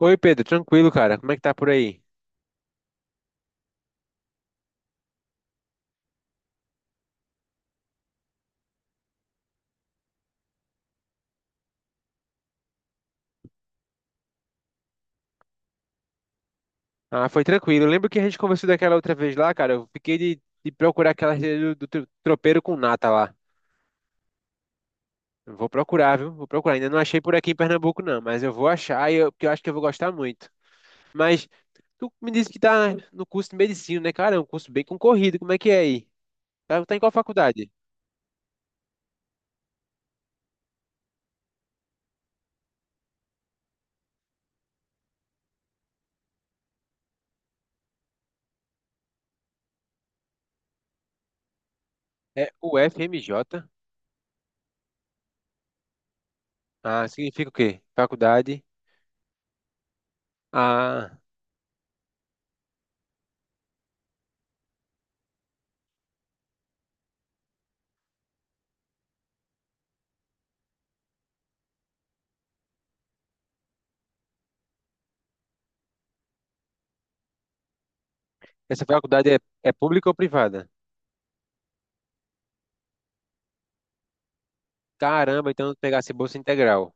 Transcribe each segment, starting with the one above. Oi, Pedro, tranquilo, cara? Como é que tá por aí? Ah, foi tranquilo. Lembro que a gente conversou daquela outra vez lá, cara. Eu fiquei de procurar aquela receita do tropeiro com nata lá. Eu vou procurar, viu? Vou procurar. Ainda não achei por aqui em Pernambuco, não, mas eu vou achar e eu, porque eu acho que eu vou gostar muito. Mas tu me disse que tá no curso de medicina, né, cara? É um curso bem concorrido. Como é que é aí? Tá em qual faculdade? É UFMJ? Ah, significa o quê? Faculdade. Ah, essa faculdade é pública ou privada? Caramba, então eu vou pegar essa bolsa integral.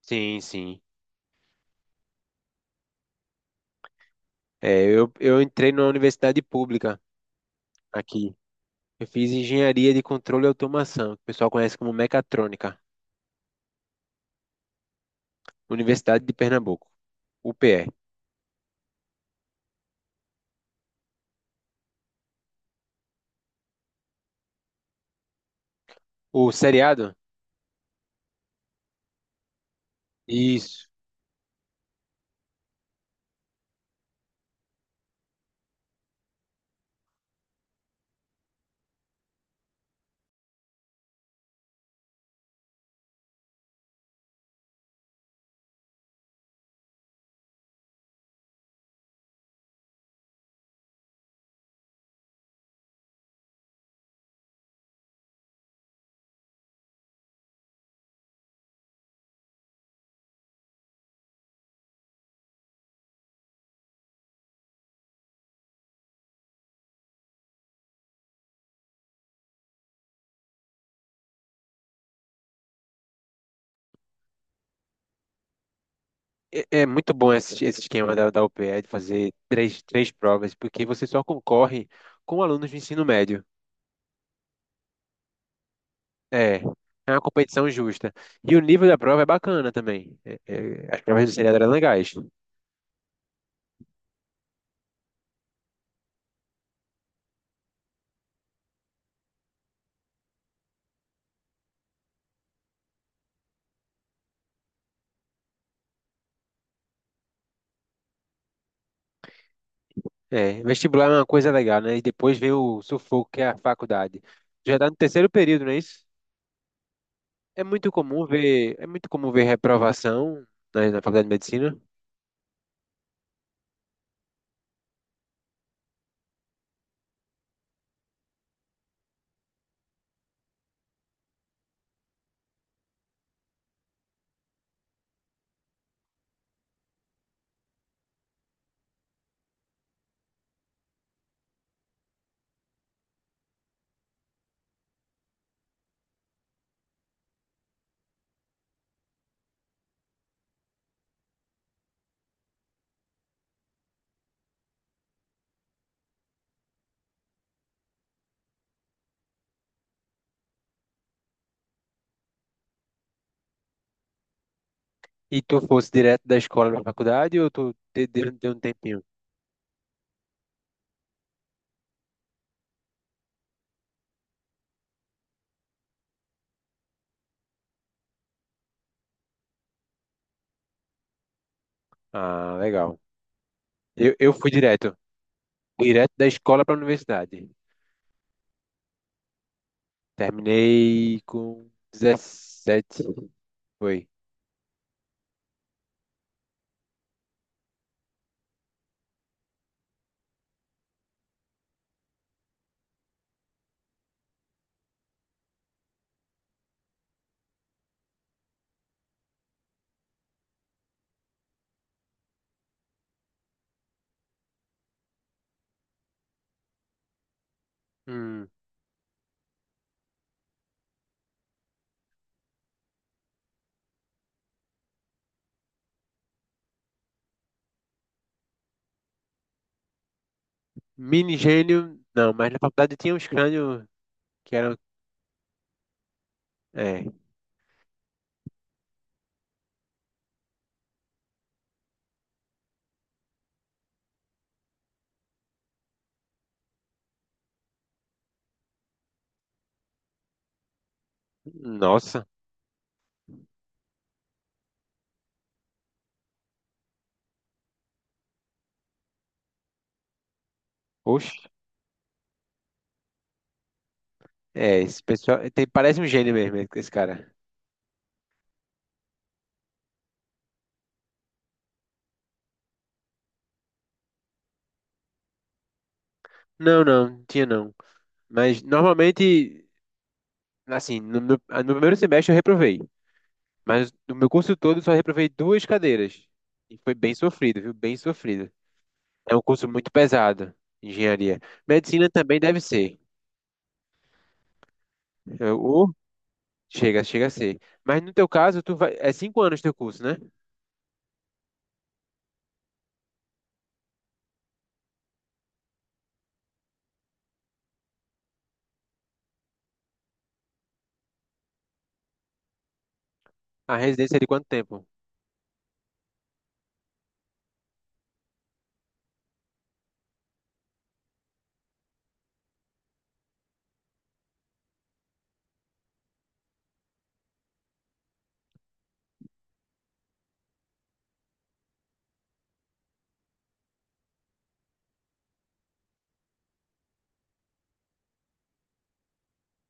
Sim, sim. É, eu entrei numa universidade pública aqui. Eu fiz engenharia de controle e automação, que o pessoal conhece como mecatrônica. Universidade de Pernambuco, UPE. O seriado? Isso. É muito bom esse esquema da UPE de fazer três provas, porque você só concorre com alunos do ensino médio. É, é uma competição justa. E o nível da prova é bacana também. É, é, as provas do seriado eram legais. É, vestibular é uma coisa legal, né? E depois vem o sufoco, que é a faculdade. Já tá no terceiro período, não é isso? É muito comum ver reprovação na faculdade de medicina. E tu fosse direto da escola pra faculdade ou tu deu um tempinho? Ah, legal. Eu fui direto. Direto da escola pra universidade. Terminei com 17. Foi. Hum, mini gênio, não, mas na faculdade tinha uns crânios que eram. É. Nossa. Oxe. É, esse pessoal. Tem, parece um gênio mesmo, esse cara. Não, não, tinha não. Mas normalmente, assim, no primeiro semestre eu reprovei. Mas no meu curso todo só reprovei duas cadeiras. E foi bem sofrido, viu? Bem sofrido. É um curso muito pesado, engenharia. Medicina também deve ser. É, ou chega a ser. Mas no teu caso, tu vai, é 5 anos teu curso, né? A residência é de quanto tempo?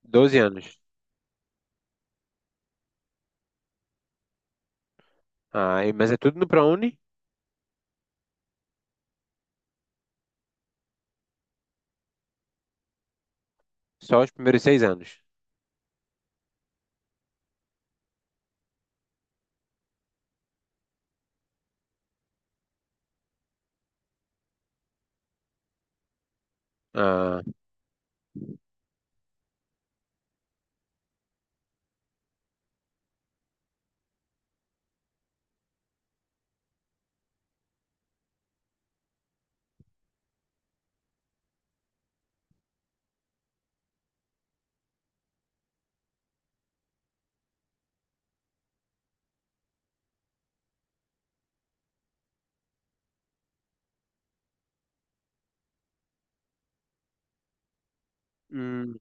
12 anos. Ah, mas é tudo no ProUni? Só os primeiros 6 anos. Ah, hum,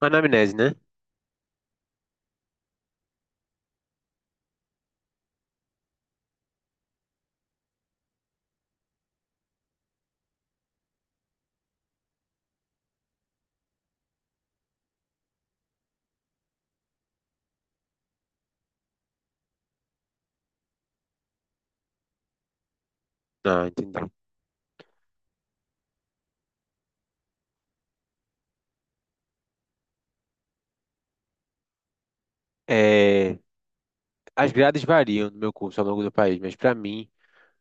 anamnese, né? Ah, entendi. É, as grades variam no meu curso ao longo do país, mas para mim.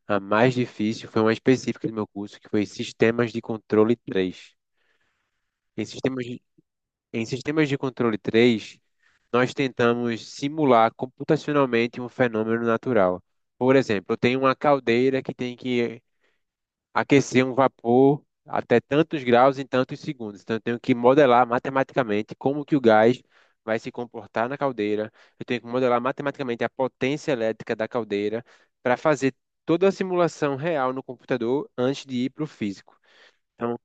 A mais difícil foi uma específica do meu curso, que foi Sistemas de Controle três. Em Sistemas de, em Sistemas de Controle três nós tentamos simular computacionalmente um fenômeno natural. Por exemplo, eu tenho uma caldeira que tem que aquecer um vapor até tantos graus em tantos segundos. Então, eu tenho que modelar matematicamente como que o gás vai se comportar na caldeira. Eu tenho que modelar matematicamente a potência elétrica da caldeira para fazer toda a simulação real no computador antes de ir para o físico. Então,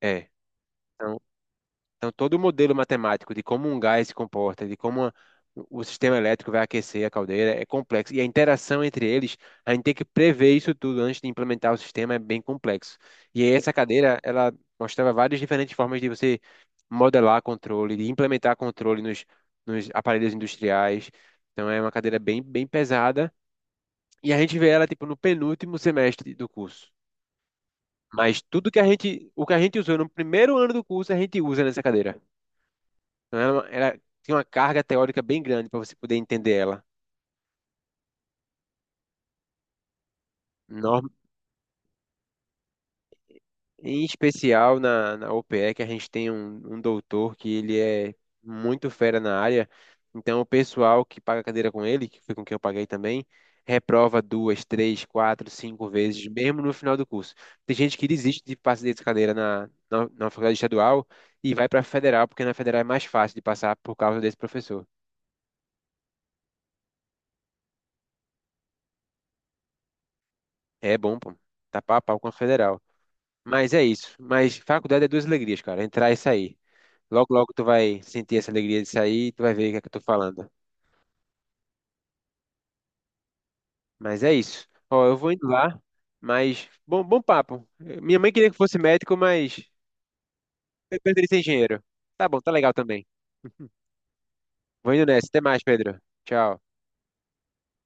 é. então, então, todo o modelo matemático de como um gás se comporta, de como o sistema elétrico vai aquecer a caldeira, é complexo. E a interação entre eles, a gente tem que prever isso tudo antes de implementar o sistema, é bem complexo. E aí, essa cadeira, ela mostrava várias diferentes formas de você modelar controle, de implementar controle nos aparelhos industriais. Então, é uma cadeira bem, bem pesada. E a gente vê ela, tipo, no penúltimo semestre do curso. Mas tudo o que a gente usou no primeiro ano do curso, a gente usa nessa cadeira. Então, ela tinha uma carga teórica bem grande para você poder entender ela. Norm- Em especial na OPE, que a gente tem um doutor que ele é muito fera na área. Então, o pessoal que paga cadeira com ele, que foi com quem eu paguei também, reprova duas, três, quatro, cinco vezes, mesmo no final do curso. Tem gente que desiste de passar dessa cadeira na faculdade estadual e vai para a federal, porque na federal é mais fácil de passar por causa desse professor. É bom, pô. Tá pau a pau com a federal. Mas é isso. Mas faculdade é duas alegrias, cara. Entrar e sair. Logo, logo tu vai sentir essa alegria de sair e tu vai ver o que é que eu tô falando. Mas é isso. Ó, eu vou indo lá, mas bom, bom papo. Minha mãe queria que fosse médico, mas eu preferi ser engenheiro. Tá bom, tá legal também. Vou indo nessa. Até mais, Pedro. Tchau.